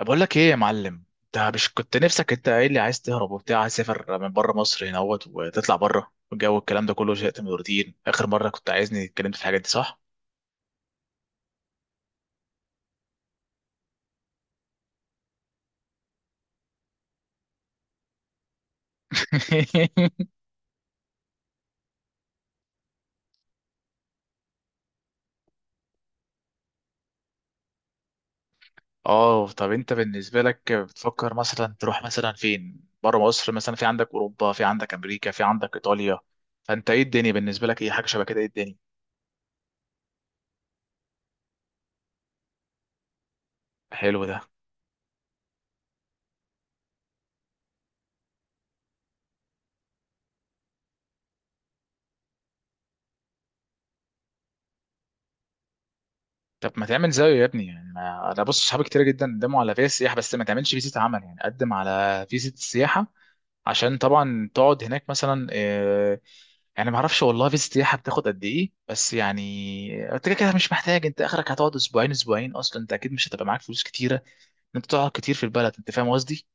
بقول لك ايه يا معلم؟ انت مش كنت نفسك؟ انت قايل لي عايز تهرب وبتاع، عايز تسافر من بره مصر، هنا اهوت وتطلع بره والجو، الكلام ده كله زهقت من الروتين. اخر مره كنت عايزني اتكلمت في الحاجات دي، صح؟ اه، طب انت بالنسبه لك بتفكر مثلا تروح مثلا فين بره مصر؟ مثلا في عندك اوروبا، في عندك امريكا، في عندك ايطاليا، فانت ايه الدنيا بالنسبه لك؟ ايه حاجه شبه كده؟ ايه الدنيا؟ حلو ده. طب ما تعمل زيه يا ابني؟ يعني انا بص صحابي كتير جدا قدموا على فيزا سياحه، بس ما تعملش فيزا عمل، يعني قدم على فيزا السياحه عشان طبعا تقعد هناك مثلا. يعني ما اعرفش والله فيزا سياحه بتاخد قد ايه، بس يعني انت كده كده مش محتاج، انت اخرك هتقعد اسبوعين اسبوعين، اصلا انت اكيد مش هتبقى معاك فلوس كتيره ان انت تقعد كتير في البلد، انت فاهم قصدي.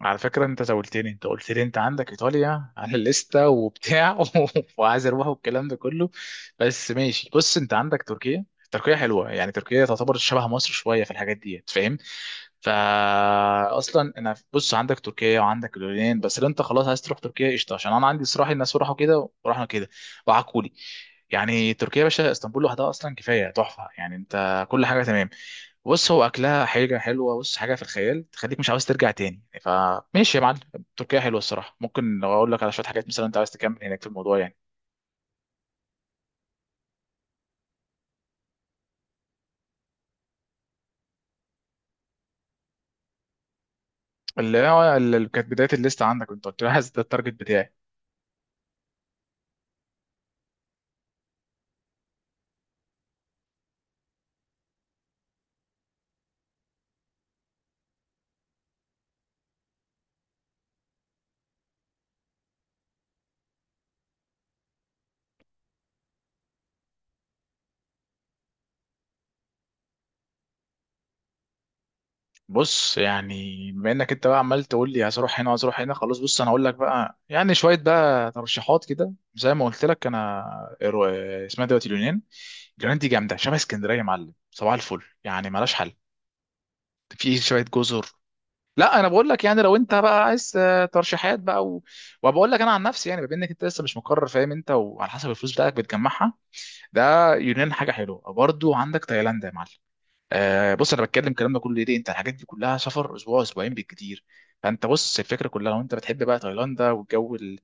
على فكرة انت زولتني، انت قلت لي انت عندك ايطاليا على الليستة وبتاع وعايز اروح والكلام ده كله. بس ماشي، بص انت عندك تركيا. تركيا حلوة، يعني تركيا تعتبر شبه مصر شوية في الحاجات دي، فاهم؟ فا اصلا انا بص عندك تركيا وعندك اليونان، بس لو انت خلاص عايز تروح تركيا قشطة، عشان انا عندي صراحة الناس راحوا كده ورحنا كده وعكولي. يعني تركيا يا باشا، اسطنبول لوحدها اصلا كفاية تحفة، يعني انت كل حاجة تمام. بص هو اكلها حاجه حلوه، بص حاجه في الخيال تخليك مش عاوز ترجع تاني، فماشي يا معلم. تركيا حلوه الصراحه. ممكن لو اقول لك على شويه حاجات مثلا انت عايز تكمل هناك في الموضوع يعني. اللي هو اللي كانت بدايه الليست عندك، انت قلت لي عايز ده التارجت بتاعي. بص يعني بما انك انت بقى عمال تقول لي عايز اروح هنا عايز اروح هنا، خلاص بص انا اقول لك بقى يعني شويه بقى ترشيحات كده زي ما قلت لك انا. رو- اسمها دلوقتي اليونان. اليونان دي جامده شبه اسكندريه يا معلم، صباح الفل، يعني مالهاش حل. في شويه جزر. لا انا بقول لك يعني لو انت بقى عايز ترشيحات بقى وبقول لك انا عن نفسي يعني، بما انك انت لسه مش مقرر، فاهم؟ انت وعلى حسب الفلوس بتاعتك بتجمعها، ده يونان حاجه حلوه. برضو عندك تايلاند يا معلم. آه بص انا بتكلم الكلام ده كله ليه؟ ليه؟ انت الحاجات دي كلها سفر اسبوع اسبوعين بالكتير. فانت بص الفكره كلها لو انت بتحب بقى تايلاند والجو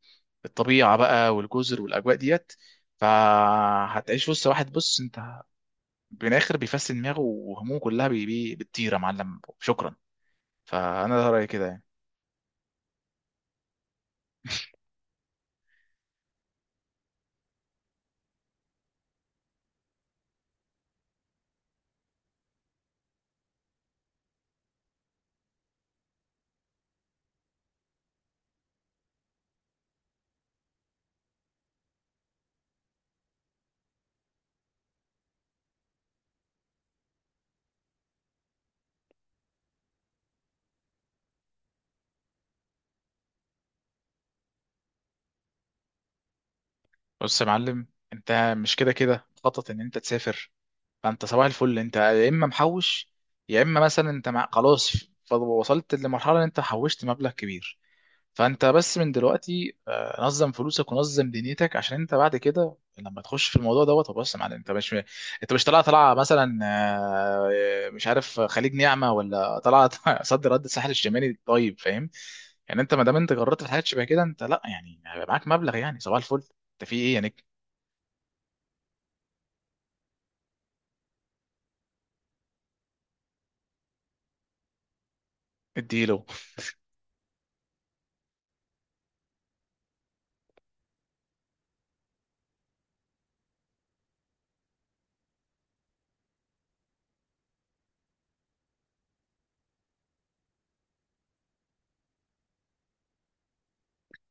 الطبيعه بقى والجزر والاجواء ديت، فهتعيش وسط واحد، بص انت من الاخر بيفسد دماغه وهمومه كلها بتطير يا معلم، شكرا. فانا ده رايي كده يعني. بص يا معلم انت مش كده كده مخطط ان انت تسافر، فانت صباح الفل انت يا اما محوش، يا اما مثلا خلاص وصلت لمرحله ان انت حوشت مبلغ كبير. فانت بس من دلوقتي نظم فلوسك ونظم دنيتك، عشان انت بعد كده لما تخش في الموضوع دوت. طب بص يا معلم، انت مش طالع طالعه مثلا مش عارف خليج نعمه، ولا طالعه صد رد الساحل الشمالي، طيب فاهم؟ يعني انت ما دام انت جربت في حاجات شبه كده، انت لا يعني هيبقى معاك مبلغ يعني صباح الفل، انت في ايه يعني؟ اديله.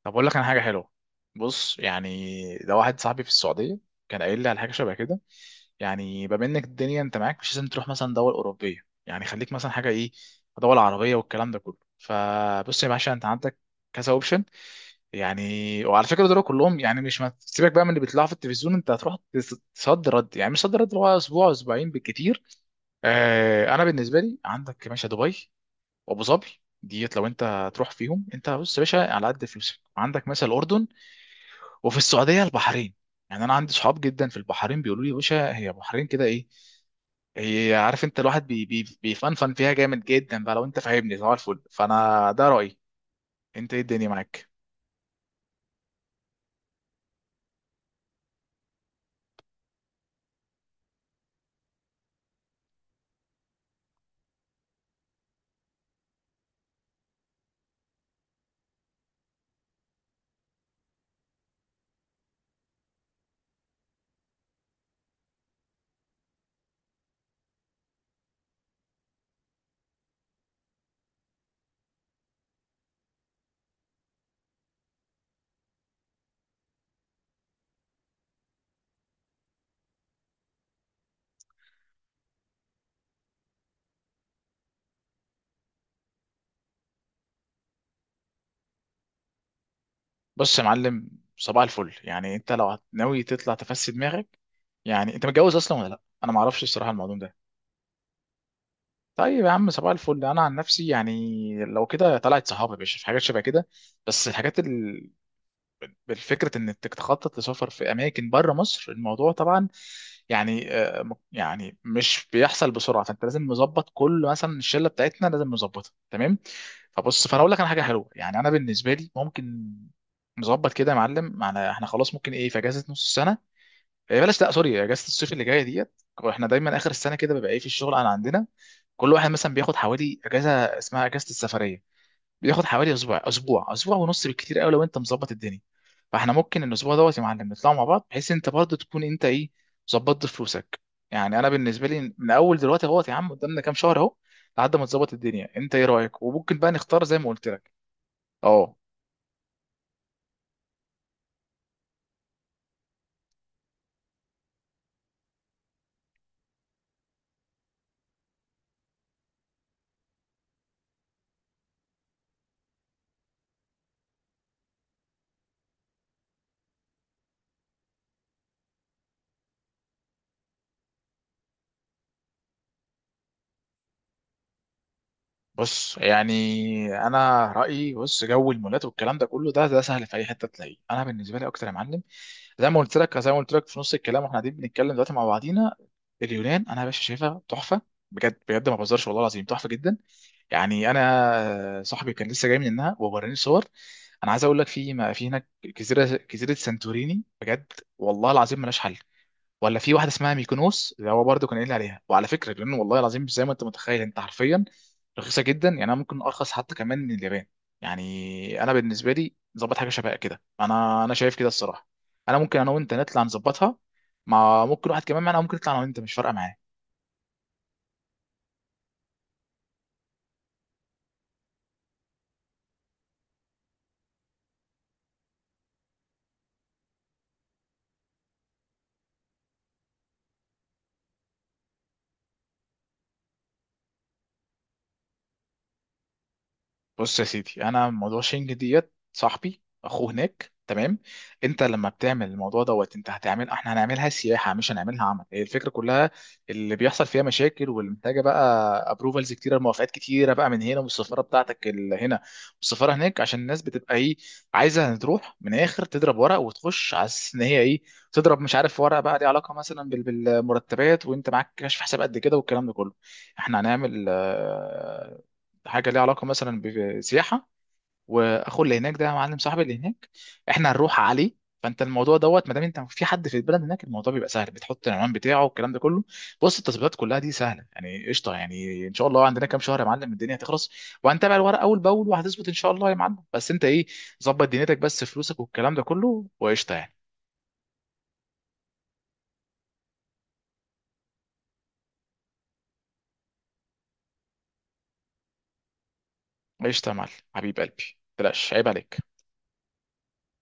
طب اقول لك انا حاجه حلوه. بص يعني ده واحد صاحبي في السعوديه كان قايل لي على حاجه شبه كده. يعني بما انك الدنيا انت معاك، مش لازم تروح مثلا دول اوروبيه، يعني خليك مثلا حاجه ايه، دول عربيه والكلام ده كله. فبص يا باشا انت عندك كذا اوبشن، يعني وعلى فكره دول كلهم، يعني مش، ما سيبك بقى من اللي بيطلعوا في التلفزيون. انت هتروح تصد رد، يعني مش صد رد، اللي هو اسبوع اسبوعين بالكتير. آه انا بالنسبه لي عندك يا باشا دبي وابو ظبي ديت، لو انت هتروح فيهم. انت بص يا باشا على قد فلوسك عندك مثلا الاردن، وفي السعوديه البحرين. يعني انا عندي صحاب جدا في البحرين بيقولوا لي يا باشا هي البحرين كده ايه، هي عارف انت الواحد بي بي بيفنفن فيها جامد جدا بقى لو انت فاهمني، صباح الفل. فانا ده رايي، انت ايه الدنيا معاك؟ بص يا معلم، صباح الفل، يعني انت لو ناوي تطلع تفسد دماغك. يعني انت متجوز اصلا ولا لا؟ انا ما اعرفش الصراحه الموضوع ده. طيب يا عم صباح الفل، انا عن نفسي يعني لو كده طلعت صحابي يا باشا في حاجات شبه كده، بس الحاجات بالفكرة انك تخطط لسفر في اماكن بره مصر، الموضوع طبعا يعني يعني مش بيحصل بسرعة، فانت لازم مظبط كل مثلا الشلة بتاعتنا لازم مظبطها تمام. فبص فانا اقول لك انا حاجة حلوة، يعني انا بالنسبة لي ممكن نظبط كده يا معلم معنا احنا، خلاص ممكن ايه في اجازة نص السنة. إيه بلاش لا سوري، اجازة الصيف اللي جاية ديت، واحنا دايما اخر السنة كده بيبقى ايه في الشغل، انا عندنا كل واحد مثلا بياخد حوالي اجازة اسمها اجازة السفرية، بياخد حوالي اسبوع اسبوع اسبوع ونص بالكتير قوي لو انت مظبط الدنيا. فاحنا ممكن الاسبوع دوت يا معلم نطلعوا مع بعض، بحيث انت برضه تكون انت ايه، ظبطت فلوسك. يعني انا بالنسبه لي من اول دلوقتي اهوت يا عم، قدامنا كام شهر اهو لحد ما تظبط الدنيا، انت ايه رايك؟ وممكن بقى نختار زي ما قلت لك. اه، بص يعني انا رايي، بص جو المولات والكلام ده كله، ده سهل في اي حته تلاقيه، انا بالنسبه لي اكتر يا معلم زي ما قلت لك في نص الكلام، واحنا قاعدين بنتكلم دلوقتي مع بعضينا. اليونان انا يا باشا شايفها تحفه، بجد بجد ما بهزرش والله العظيم، تحفه جدا. يعني انا صاحبي كان لسه جاي منها ووراني صور. انا عايز اقول لك في ما في هناك جزيره جزيره سانتوريني بجد والله العظيم ملهاش حل. ولا في واحده اسمها ميكونوس، اللي هو برضه كان قايل لي عليها. وعلى فكره لان والله العظيم زي ما انت متخيل انت حرفيا رخيصه جدا، يعني انا ممكن ارخص حتى كمان من اليابان. يعني انا بالنسبه لي ظبط حاجه شبه كده، انا شايف كده الصراحه، انا ممكن انا وانت نطلع نظبطها، مع ممكن واحد كمان معانا، ممكن نطلع انا وانت مش فارقه معايا. بص يا سيدي، انا موضوع شنج ديت صاحبي اخوه هناك تمام. انت لما بتعمل الموضوع دوت، انت هتعمل احنا هنعملها سياحه مش هنعملها عمل، هي الفكره كلها اللي بيحصل فيها مشاكل واللي محتاجه بقى ابروفالز كتيره موافقات كتيره بقى من هنا والسفاره بتاعتك اللي هنا والسفاره هناك، عشان الناس بتبقى ايه، عايزه تروح من الاخر تضرب ورق وتخش على اساس ان هي ايه، تضرب مش عارف ورق بقى ليه علاقه مثلا بالمرتبات، وانت معاك كشف حساب قد كده والكلام ده كله. احنا هنعمل حاجه ليها علاقه مثلا بسياحه، واخو اللي هناك ده يا معلم صاحبي اللي هناك احنا هنروح عليه. فانت الموضوع دوت ما دام انت في حد في البلد هناك، الموضوع بيبقى سهل، بتحط العنوان بتاعه والكلام ده كله. بص التظبيطات كلها دي سهله يعني قشطه، يعني ان شاء الله عندنا كام شهر يا معلم، الدنيا هتخلص وهنتابع الورق اول باول وهتظبط ان شاء الله يا معلم. بس انت ايه، ظبط دنيتك بس، فلوسك والكلام ده كله وقشطه يعني. قشطه يا معلم حبيب قلبي، بلاش عيب عليك.